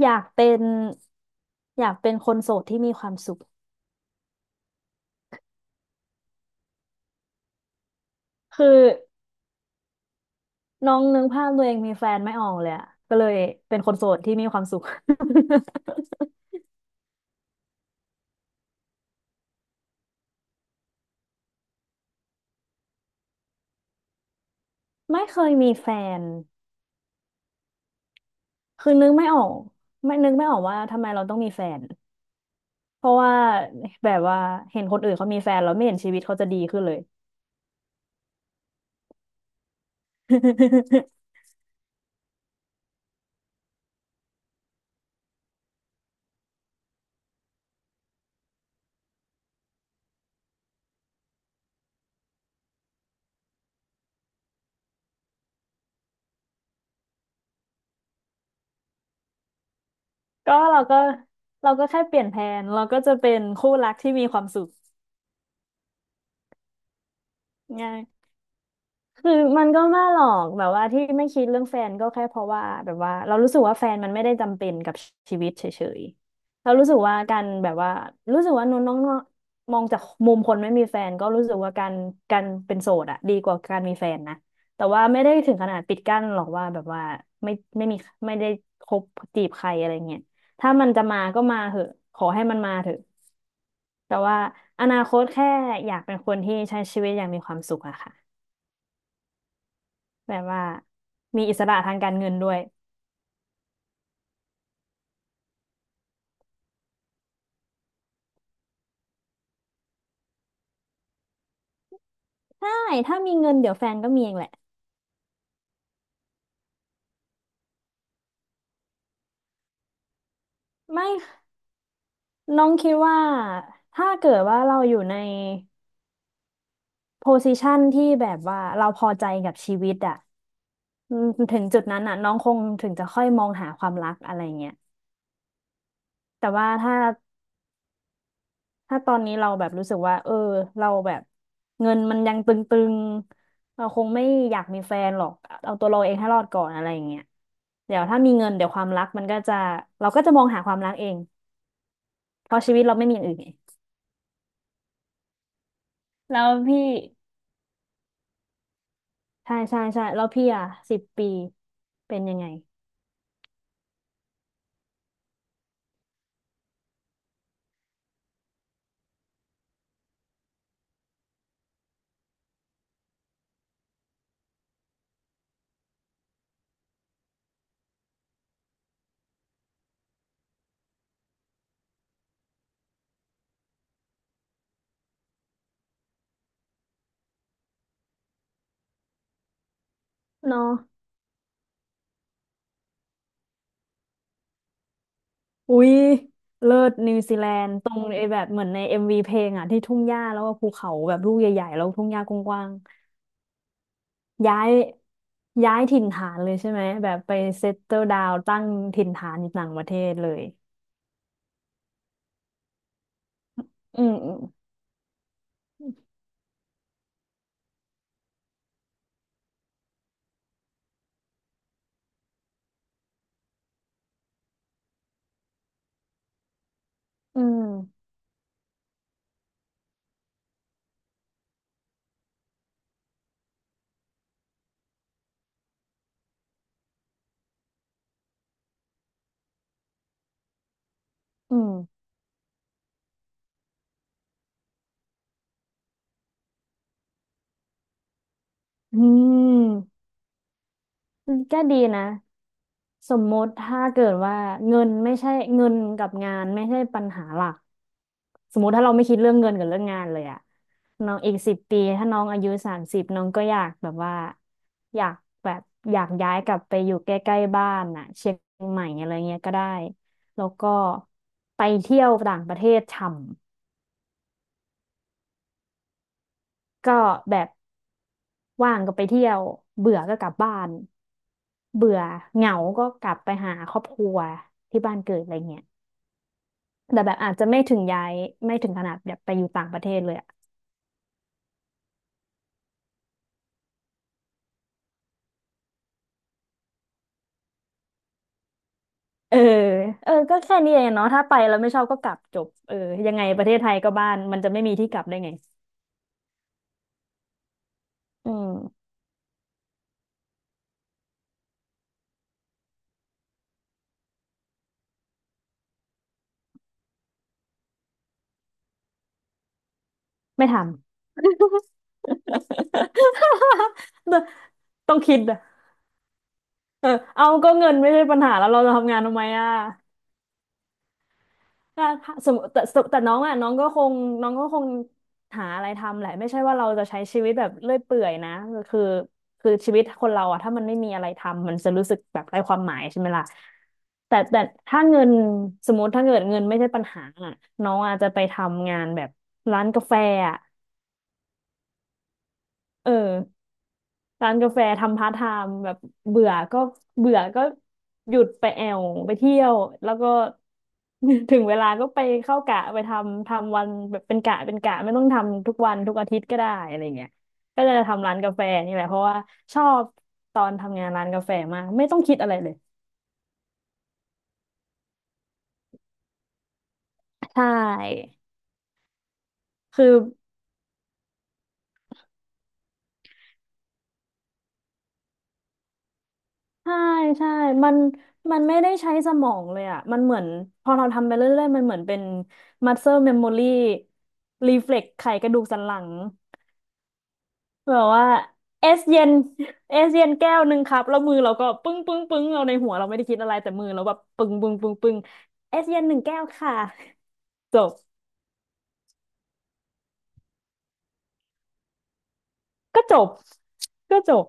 อยากเป็นคนโสดที่มีความสุขคือน้องนึกภาพตัวเองมีแฟนไม่ออกเลยอะก็เลยเป็นคนโสดที่มีความสุข ไม่เคยมีแฟนคือนึกไม่ออกไม่นึกไม่ออกว่าทำไมเราต้องมีแฟนเพราะว่าแบบว่าเห็นคนอื่นเขามีแฟนแล้วไม่เห็นชีวิตเขาจะดีขึ้นเลย ก็เราก็เราก็แค่เปลี่ยนแผนเราก็จะเป็นคู่รักที่มีความสุขง่าย คือมันก็ไม่หรอกแบบว่าที่ไม่คิดเรื่องแฟนก็แค่เพราะว่าแบบว่าเรารู้สึกว่าแฟนมันไม่ได้จำเป็นกับชีวิตเฉยๆเรารู้สึกว่าการแบบว่ารู้สึกว่าน้องน้องมองจากมุมคนไม่มีแฟนก็รู้สึกว่าการเป็นโสดอะดีกว่าการมีแฟนนะแต่ว่าไม่ได้ถึงขนาดปิดกั้นหรอกว่าแบบว่าไม่ไม่มีไม่ได้คบจีบใครอะไรเงี้ยถ้ามันจะมาก็มาเถอะขอให้มันมาเถอะแต่ว่าอนาคตแค่อยากเป็นคนที่ใช้ชีวิตอย่างมีความสุขอะค่ะ แบบว่ามีอิสระทางการเงินด้วยใช่ถ้ามีเงินเดี๋ยวแฟนก็มีเองแหละไม่น้องคิดว่าถ้าเกิดว่าเราอยู่ในโพซิชันที่แบบว่าเราพอใจกับชีวิตอะอืมถึงจุดนั้นอะน้องคงถึงจะค่อยมองหาความรักอะไรเงี้ยแต่ว่าถ้าตอนนี้เราแบบรู้สึกว่าเออเราแบบเงินมันยังตึงๆเราคงไม่อยากมีแฟนหรอกเอาตัวเราเองให้รอดก่อนอะไรเงี้ยเดี๋ยวถ้ามีเงินเดี๋ยวความรักมันก็จะเราก็จะมองหาความรักเอง เพราะชีวิตเราไม่มีอย่างอื่นไงแล้วพี่ใช่แล้วพี่อ่ะสิบปีเป็นยังไงเนาะอุ๊ยเลิศนิวซีแลนด์ตรงไอ้แบบเหมือนในเอ็มวีเพลงอ่ะที่ทุ่งหญ้าแล้วก็ภูเขาแบบลูกใหญ่ๆแล้วทุ่งหญ้ากว้างๆย้ายย้ายถิ่นฐานเลยใช่ไหมแบบไปเซตเติลดาวตั้งถิ่นฐานอยู่ต่างประเทศเลย อืมอืมอืมอืมอืมก็ดีนะ สมมติถ้าเกิดว่าเงินไม่ใช่เงินกับงานไม่ใช่ปัญหาหลักสมมติถ้าเราไม่คิดเรื่องเงินกับเรื่องงานเลยอะน้องอีก 10 ปีถ้าน้องอายุ30น้องก็อยากแบบว่าอยากแบบอยากย้ายกลับไปอยู่ใกล้ๆบ้านน่ะเชียงใหม่อะไรเงี้ยก็ได้แล้วก็ไปเที่ยวต่างประเทศช่ำก็แบบว่างก็ไปเที่ยวเบื่อก็กลับบ้านเบื่อเหงาก็กลับไปหาครอบครัวที่บ้านเกิดอะไรเงี้ย แต่แบบอาจจะไม่ถึงย้ายไม่ถึงขนาดแบบไปอยู่ต่างประเทศเลยอะเออเออก็แค่นี้เองเนาะถ้าไปแล้วไม่ชอบก็กลับจบเออยังไงประเทศไทยก็บ้านมันจะไม่มีที่กลับได้ไงอืมไม่ทำ ต้องคิดอะเออเอาก็เงินไม่ใช่ปัญหาแล้วเราจะทำงานทำไมอะ ถ้าถ้าสมมติแต่น้องอ่ะน้องก็คงหาอะไรทำแหละไม่ใช่ว่าเราจะใช้ชีวิตแบบเลื่อยเปื่อยนะคือคือชีวิตคนเราอ่ะถ้ามันไม่มีอะไรทำมันจะรู้สึกแบบไร้ความหมายใช่ไหมล่ะแต่ถ้าเงินสมมติถ้าเกิดเงินไม่ใช่ปัญหาอ่ะน้องอาจจะไปทำงานแบบร้านกาแฟอ่ะเออ ร้านกาแฟทำพาร์ทไทม์แบบเบื่อก็เบื่อก็หยุดไปแอวไปเที่ยวแล้วก็ ถึงเวลาก็ไปเข้ากะไปทำทำวันแบบเป็นกะเป็นกะไม่ต้องทำทุกวันทุกอาทิตย์ก็ได้อะไรเงี้ยก็จะทำร้านกาแฟนี่แหละเพราะว่าชอบตอนทำงานร้านกาแฟมากไม่ต้องคิดอะไรเลยใช่คือ ใช่ใช่มันมันไม่ได้ใช้สมองเลยอ่ะ มันเหมือนพอเราทำไปเรื่อยๆ มันเหมือนเป็น muscle memory reflex ไขกระดูกสันหลังแบบว่าเอสเย็น เอสเย็นแก้วหนึ่งครับแล้วมือเราก็ปึ้งปึ้งปึ้งเราในหัวเราไม่ได้คิดอะไรแต่มือเราแบบปึ้งปึ้งปึ้งปึ้งเอสเย็นหนึ่งแก้วค่ะจบก็จบก็จบ.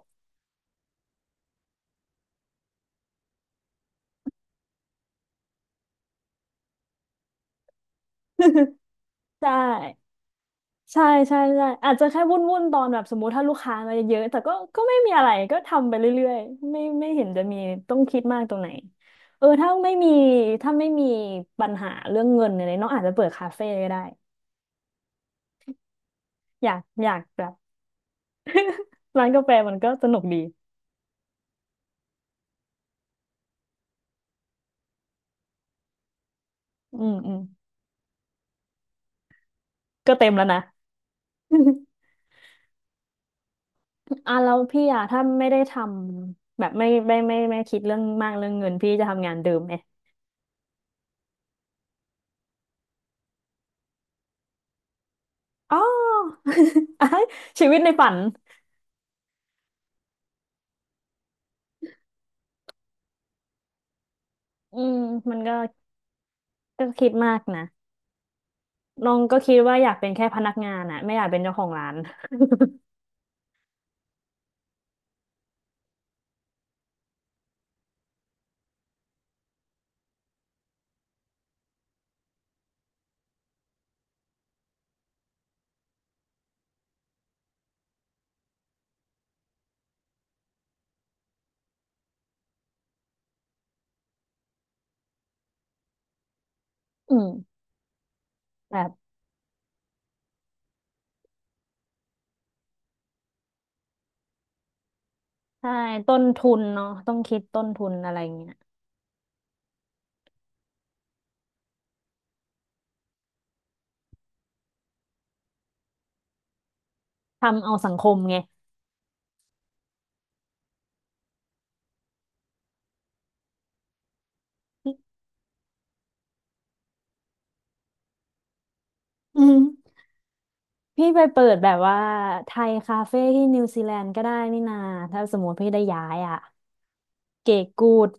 ใช่ ใช่ใช่อาจจะแค่วุ่นตอนแบบสมมติถ้าลูกค้ามาเยอะๆแต่ก็ไม่มีอะไรก็ทำไปเรื่อยๆไม่เห็นจะมีต้องคิดมากตรงไหนเออถ้าไม่มีถ้าไม่มีปัญหาเรื่องเงินอะไรน้องอาจจะเปิดคาเฟ่ก็ได้อยากแบบร้านกาแฟมันก็สนุกดีอืมอืมก็เต็มแล้วนะ อ่ะแล้วพี่อ่ะถ้าไม่ได้ทำแบบไม่คิดเรื่องมากเรื่องเงินพี่จะทำงานเดิมไหมอ๋อ ชีวิตในฝันอืมมันก็คิดมากนะ น้องก็คิดว่าอยากเป็นแค่พนักงานอะไม่อยากเป็นเจ้าของร้าน อืมแบบใช่ต้นทุนเนาะต้องคิดต้นทุนอะไรเงี้ยทำเอาสังคมไงอืมพี่ไปเปิดแบบว่าไทยคาเฟ่ที่นิวซีแลนด์ก็ได้นี่นาถ้าสมมติพี่ได้ย้ายอะเก๋กูด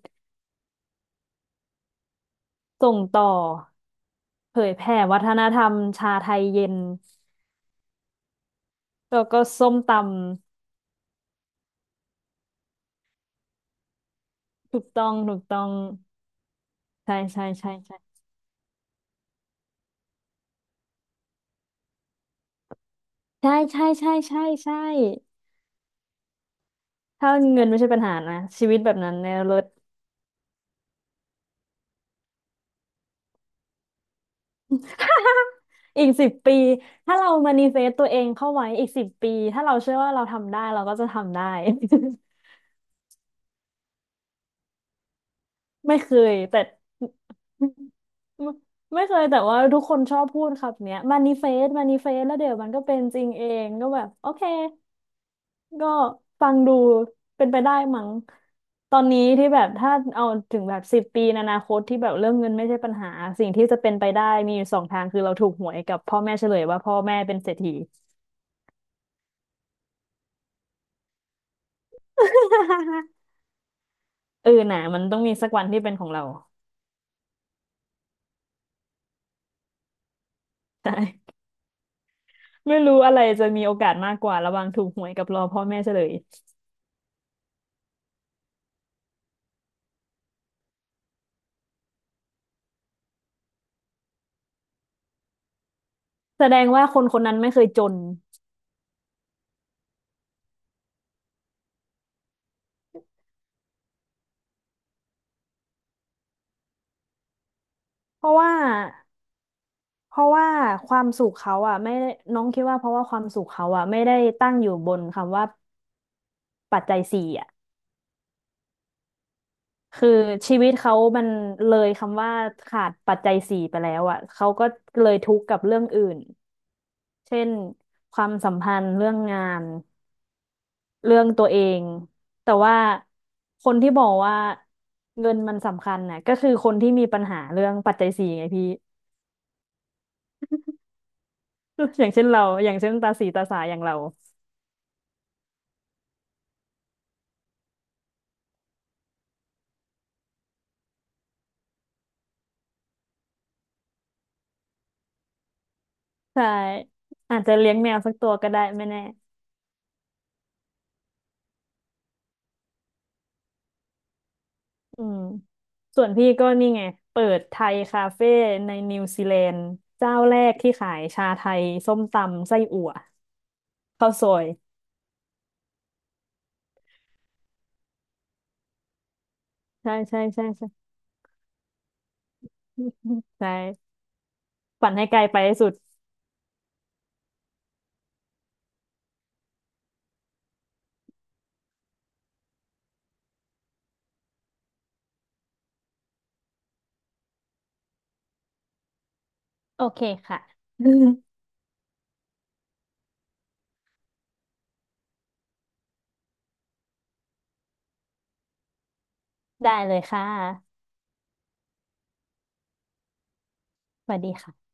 ส่งต่อเผยแผ่วัฒนธรรมชาไทยเย็นแล้วก็ส้มตำถูกต้องถูกต้องใช่ใช่ใช่ใช่ใช่ใช่ใช่ใช่ใช่ ถ้าเงินไม่ใช่ปัญหานะชีวิตแบบนั้นในวรถ อีกสิบปีถ้าเรามานิเฟสตัวเองเข้าไว้อีกสิบปีถ้าเราเชื่อว่าเราทำได้เราก็จะทำได้ ไม่เคยแต่ ไม่ไม่เคยแต่ว่าทุกคนชอบพูดครับเนี้ยมานิเฟสมานิเฟสแล้วเดี๋ยวมันก็เป็นจริงเองก็แบบโอเค ก็ฟังดูเป็นไปได้มั้งตอนนี้ที่แบบถ้าเอาถึงแบบสิบปีในอนาคตที่แบบเรื่องเงินไม่ใช่ปัญหาสิ่งที่จะเป็นไปได้มีอยู่สองทางคือเราถูกหวยกับพ่อแม่เฉลยว่าพ่อแม่เป็นเศรษฐี เออน่ะมันต้องมีสักวันที่เป็นของเรา ใช่ไม่รู้อะไรจะมีโอกาสมากกว่าระหว่างถูกหวยกับรอพ่อแม่เฉลยแสดงว่าคนคนนั้นไม่เคยจนเพราะว่าเพราะว่าความสุขเขาอ่ะไม่ได้น้องคิดว่าเพราะว่าความสุขเขาอ่ะไม่ได้ตั้งอยู่บนคำว่า ปัจจัยสี่อ่ะคือชีวิตเขามันเลยคำว่าขาดปัจจัยสี่ไปแล้วอ่ะเขาก็เลยทุกข์กับเรื่องอื่นเช่นความสัมพันธ์เรื่องงานเรื่องตัวเองแต่ว่าคนที่บอกว่าเงินมันสำคัญน่ะก็คือคนที่มีปัญหาเรื่องปัจจัยสี่ไงพี่ อย่างเช่นเราอย่างเช่นตาสีตาสาอย่างเราใช่อาจจะเลี้ยงแมวสักตัวก็ได้ไม่แน่ อืมส่วนพี่ก็นี่ไงเปิดไทยคาเฟ่ในนิวซีแลนด์เจ้าแรกที่ขายชาไทยส้มตำไส้อั่วข้าวซอยใช่ใช่ใช่ใช่ ใช่ฝันให้ไกลไปให้สุดโอเคค่ะ ได้เลยค่ะสวัสดีค่ะ